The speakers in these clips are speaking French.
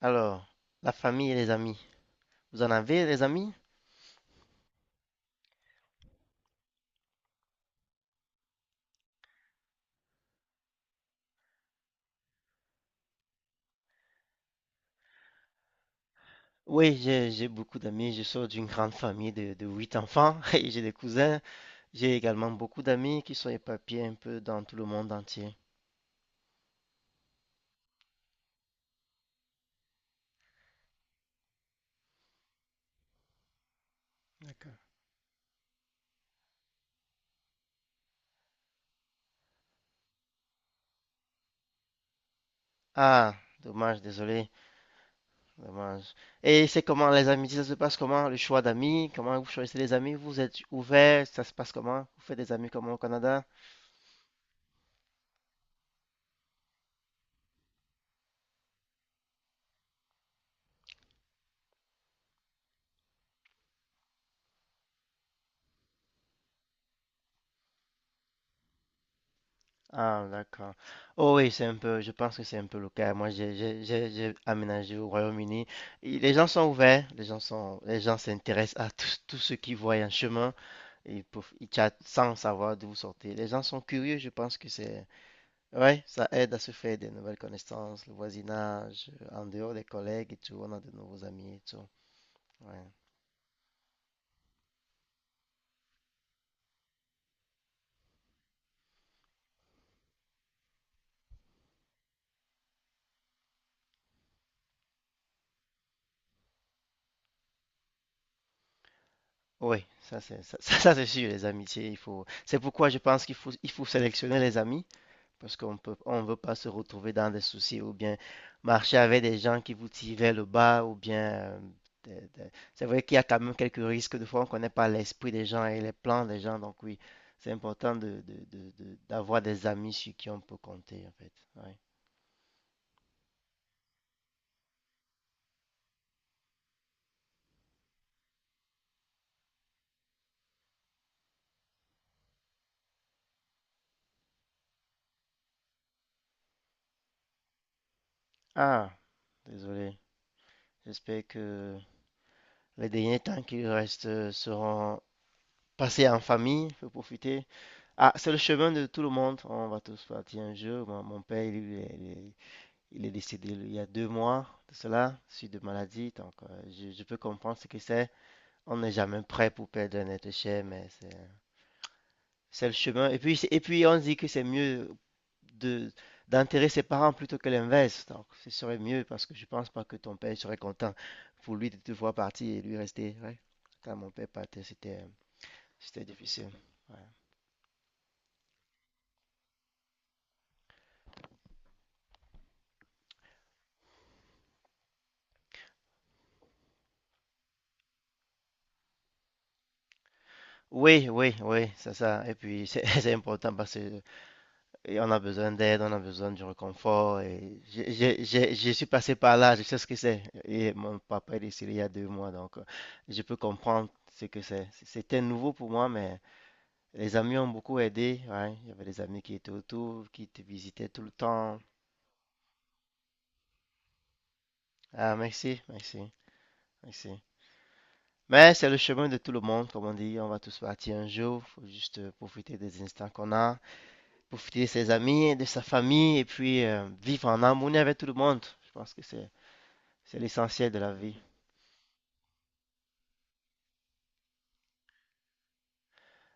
Alors, la famille et les amis. Vous en avez des amis? Oui, j'ai beaucoup d'amis. Je sors d'une grande famille de 8 enfants et j'ai des cousins. J'ai également beaucoup d'amis qui sont éparpillés un peu dans tout le monde entier. D'accord. Ah, dommage, désolé, dommage. Et c'est comment les amitiés, ça se passe comment? Le choix d'amis, comment vous choisissez les amis? Vous êtes ouvert, ça se passe comment? Vous faites des amis comment au Canada? Ah, d'accord. Oh oui, c'est un peu, je pense que c'est un peu le cas. Moi, j'ai aménagé au Royaume-Uni. Et les gens sont ouverts, les gens sont, les gens s'intéressent à tout, tout ce qu'ils voient en chemin. Ils chattent sans savoir d'où vous sortez. Les gens sont curieux, je pense que c'est. Ouais, ça aide à se faire des nouvelles connaissances, le voisinage, en dehors des collègues et tout, on a de nouveaux amis et tout. Ouais. Oui, ça c'est ça, ça, c'est sûr, les amitiés, il faut. C'est pourquoi je pense qu'il faut sélectionner les amis. Parce qu'on peut, on ne veut pas se retrouver dans des soucis ou bien marcher avec des gens qui vous tiraient le bas ou bien. C'est vrai qu'il y a quand même quelques risques. Des fois, on ne connaît pas l'esprit des gens et les plans des gens. Donc, oui, c'est important d'avoir des amis sur qui on peut compter, en fait. Ouais. Ah, désolé. J'espère que les derniers temps qui restent seront passés en famille. Faut profiter. Ah, c'est le chemin de tout le monde. On va tous partir un jour. Mon père, lui, il est, il est décédé il y a 2 mois de cela, suite de maladie. Donc, je peux comprendre ce que c'est. On n'est jamais prêt pour perdre un être cher, mais c'est le chemin. Et puis, on dit que c'est mieux de d'enterrer ses parents plutôt que l'inverse. Donc, ce serait mieux parce que je pense pas que ton père serait content pour lui de te voir partir et lui rester. Ouais. Quand mon père partait, c'était difficile. Ouais. Oui, oui, oui, c'est ça. Et puis, c'est c'est important parce que. Et on a besoin d'aide, on a besoin du réconfort. Et je suis passé par là, je sais ce que c'est. Et mon papa est décédé il y a deux mois, donc je peux comprendre ce que c'est. C'était nouveau pour moi, mais les amis ont beaucoup aidé. Ouais. Il y avait des amis qui étaient autour, qui te visitaient tout le temps. Ah, merci, merci, merci. Mais c'est le chemin de tout le monde, comme on dit. On va tous partir un jour. Faut juste profiter des instants qu'on a, profiter de ses amis, de sa famille, et puis vivre en harmonie avec tout le monde. Je pense que C'est l'essentiel de la vie.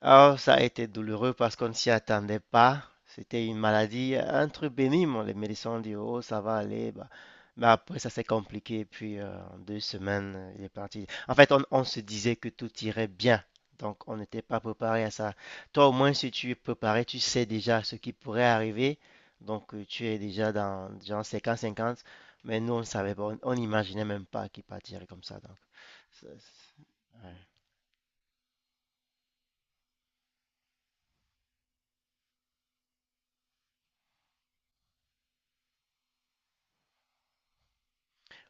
Alors, ça a été douloureux parce qu'on ne s'y attendait pas. C'était une maladie, un truc bénin. Les médecins ont dit, oh, ça va aller. Bah, mais après, ça s'est compliqué. Et puis, en 2 semaines, il est parti. En fait, on se disait que tout irait bien. Donc, on n'était pas préparé à ça. Toi, au moins, si tu es préparé, tu sais déjà ce qui pourrait arriver. Donc, tu es déjà dans genre cinquante 50. Mais nous, on ne savait pas. On n'imaginait même pas qu'il partirait comme ça. Donc, ça, c'est ouais.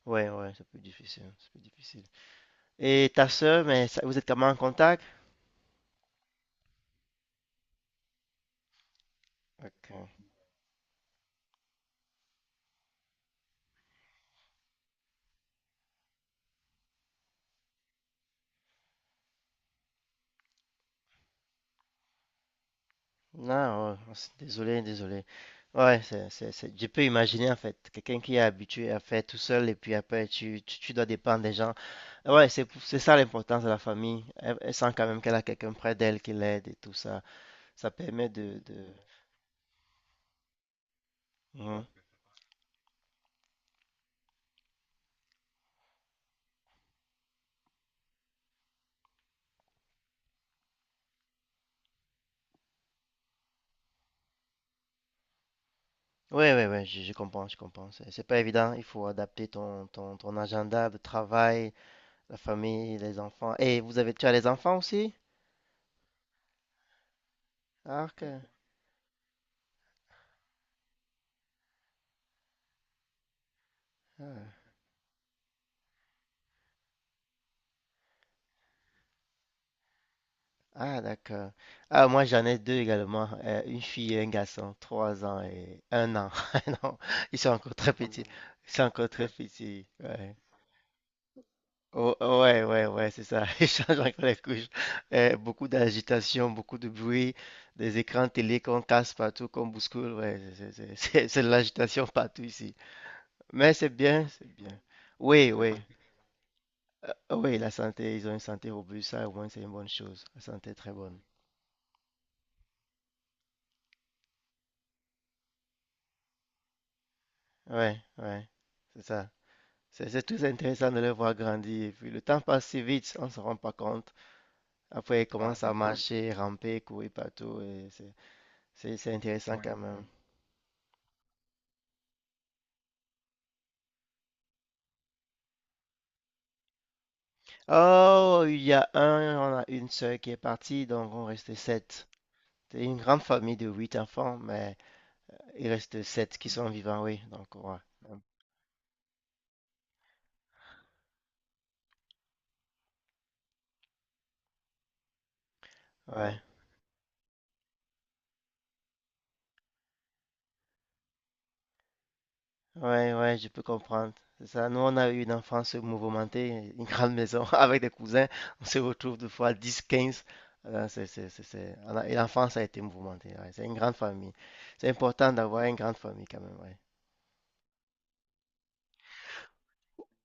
Ouais, ouais, c'est plus difficile, c'est plus difficile. Et ta sœur, mais ça, vous êtes comment en contact? Ok. Non, ouais, c'est désolé, désolé. Ouais, je peux imaginer en fait, quelqu'un qui est habitué à faire tout seul et puis après tu dois dépendre des gens. Ah, ouais, c'est, c'est ça l'importance de la famille. Elle, elle sent quand même qu'elle a quelqu'un près d'elle qui l'aide et tout ça. Ça permet de. Mhm. Ouais, ouais, ouais, je comprends, je comprends. C'est pas évident, il faut adapter ton agenda de travail, la famille, les enfants. Et vous avez, tu as les enfants aussi? Ah, ok. Ah, Ah, d'accord. Ah, moi, j'en ai deux également. Une fille et un garçon. 3 ans et 1 an. Non, ils sont encore très petits. Ils sont encore très petits. Ouais. Oh, oh, ouais, ouais, ouais, c'est ça. Ils changent encore les couches. Beaucoup d'agitation, beaucoup de bruit. Des écrans télé qu'on casse partout, qu'on bouscule. Ouais, c'est de l'agitation partout ici. Mais c'est bien, c'est bien. Oui, oui. Oui, la santé, ils ont une santé robuste. Ça, au moins, c'est une bonne chose. La santé est très bonne. Ouais, ouais, c'est ça. C'est très intéressant de les voir grandir. Et puis le temps passe si vite, on ne se rend pas compte. Après, ils, ah, commencent à, c'est cool, marcher, ramper, courir partout. Et c'est intéressant, ouais, quand même. Oh, il y a on a une sœur qui est partie, donc on reste sept. C'est une grande famille de 8 enfants, mais il reste sept qui sont vivants, oui. Donc, ouais. Ouais, ah, ouais, ouais, je peux comprendre. C'est ça. Nous, on a eu une enfance mouvementée, une grande maison avec des cousins. On se retrouve 2 fois 10, 15. Et l'enfance a été mouvementée. Ouais. C'est une grande famille. C'est important d'avoir une grande famille quand même. Ouais.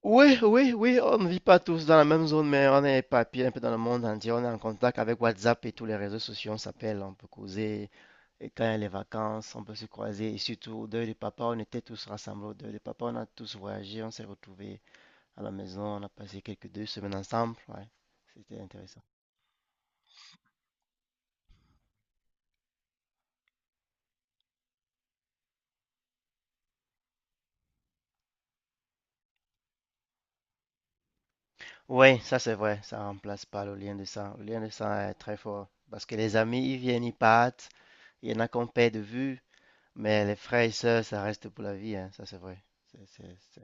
Oui, oui, oui, on ne vit pas tous dans la même zone, mais on est éparpillés un peu dans le monde entier. On est en contact avec WhatsApp et tous les réseaux sociaux. On s'appelle, on peut causer. Et quand il y a les vacances, on peut se croiser. Et surtout, au deuil de papa, on était tous rassemblés au deuil de papa. On a tous voyagé, on s'est retrouvés à la maison, on a passé quelques 2 semaines ensemble, ouais, c'était intéressant. Oui, ça c'est vrai, ça remplace pas le lien de sang. Le lien de sang est très fort parce que les amis, ils viennent, ils partent, il y en a qu'on perd de vue, mais les frères et sœurs, ça reste pour la vie, hein, ça c'est vrai. C'est, c'est, c'est-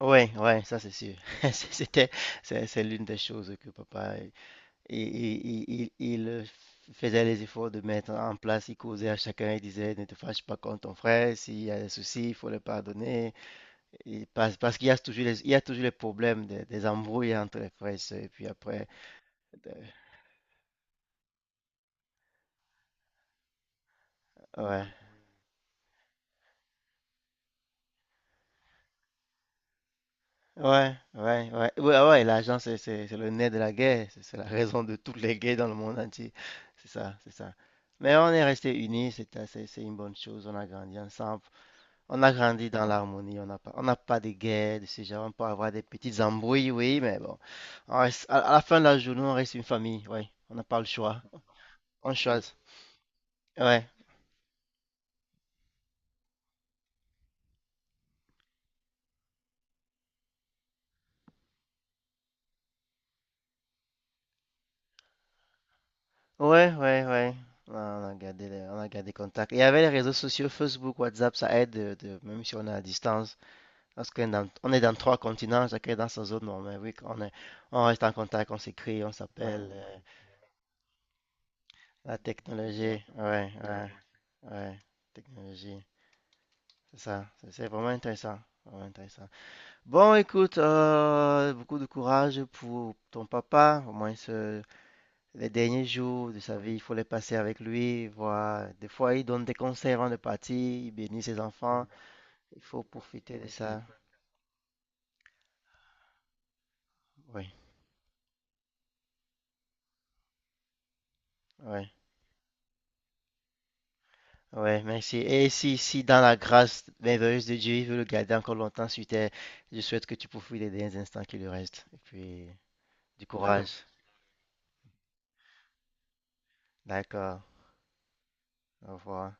Ouais, ouais, ça c'est sûr. C'est- C'était, c'est l'une des choses que papa, il- il- il- il, euh, faisait les efforts de mettre en place. Il causait à chacun, il disait, ne te fâche pas contre ton frère, s'il y a des soucis, il faut le pardonner. Et parce qu'il y a toujours les problèmes des embrouilles entre les frères et sœurs, et puis après, de- ouais, ouais, ouais, ouais, ouais, ah ouais, l'argent, c'est le nez de la guerre, c'est la raison de toutes les guerres dans le monde entier, c'est ça, c'est ça. Mais on est restés unis, c'est une bonne chose, on a grandi ensemble, on a grandi dans l'harmonie, on n'a pas de guerres de ce genre, on peut avoir des petites embrouilles, oui, mais bon, à la fin de la journée, on reste une famille, oui, on n'a pas le choix, on choisit, ouais. Ouais, ouais, ouais. Ouais, on a gardé, on a gardé contact. Et avec les réseaux sociaux, Facebook, WhatsApp, ça aide, même si on est à distance. Parce qu'on est dans trois continents, chacun est dans sa zone. Non, mais oui, on reste en contact, on s'écrit, on s'appelle. La technologie, ouais, ouais, ouais. Technologie, c'est ça. C'est vraiment intéressant. Vraiment intéressant. Bon, écoute, beaucoup de courage pour ton papa. Au moins, les derniers jours de sa vie, il faut les passer avec lui, voir. Des fois, il donne des conseils avant de partir, il bénit ses enfants. Il faut profiter de ça. Oui, oui, oui, merci. Et si dans la grâce merveilleuse de Dieu, il veut le garder encore longtemps sur terre, je souhaite que tu profites des derniers instants qui lui restent. Et puis, du courage. D'accord. Au revoir.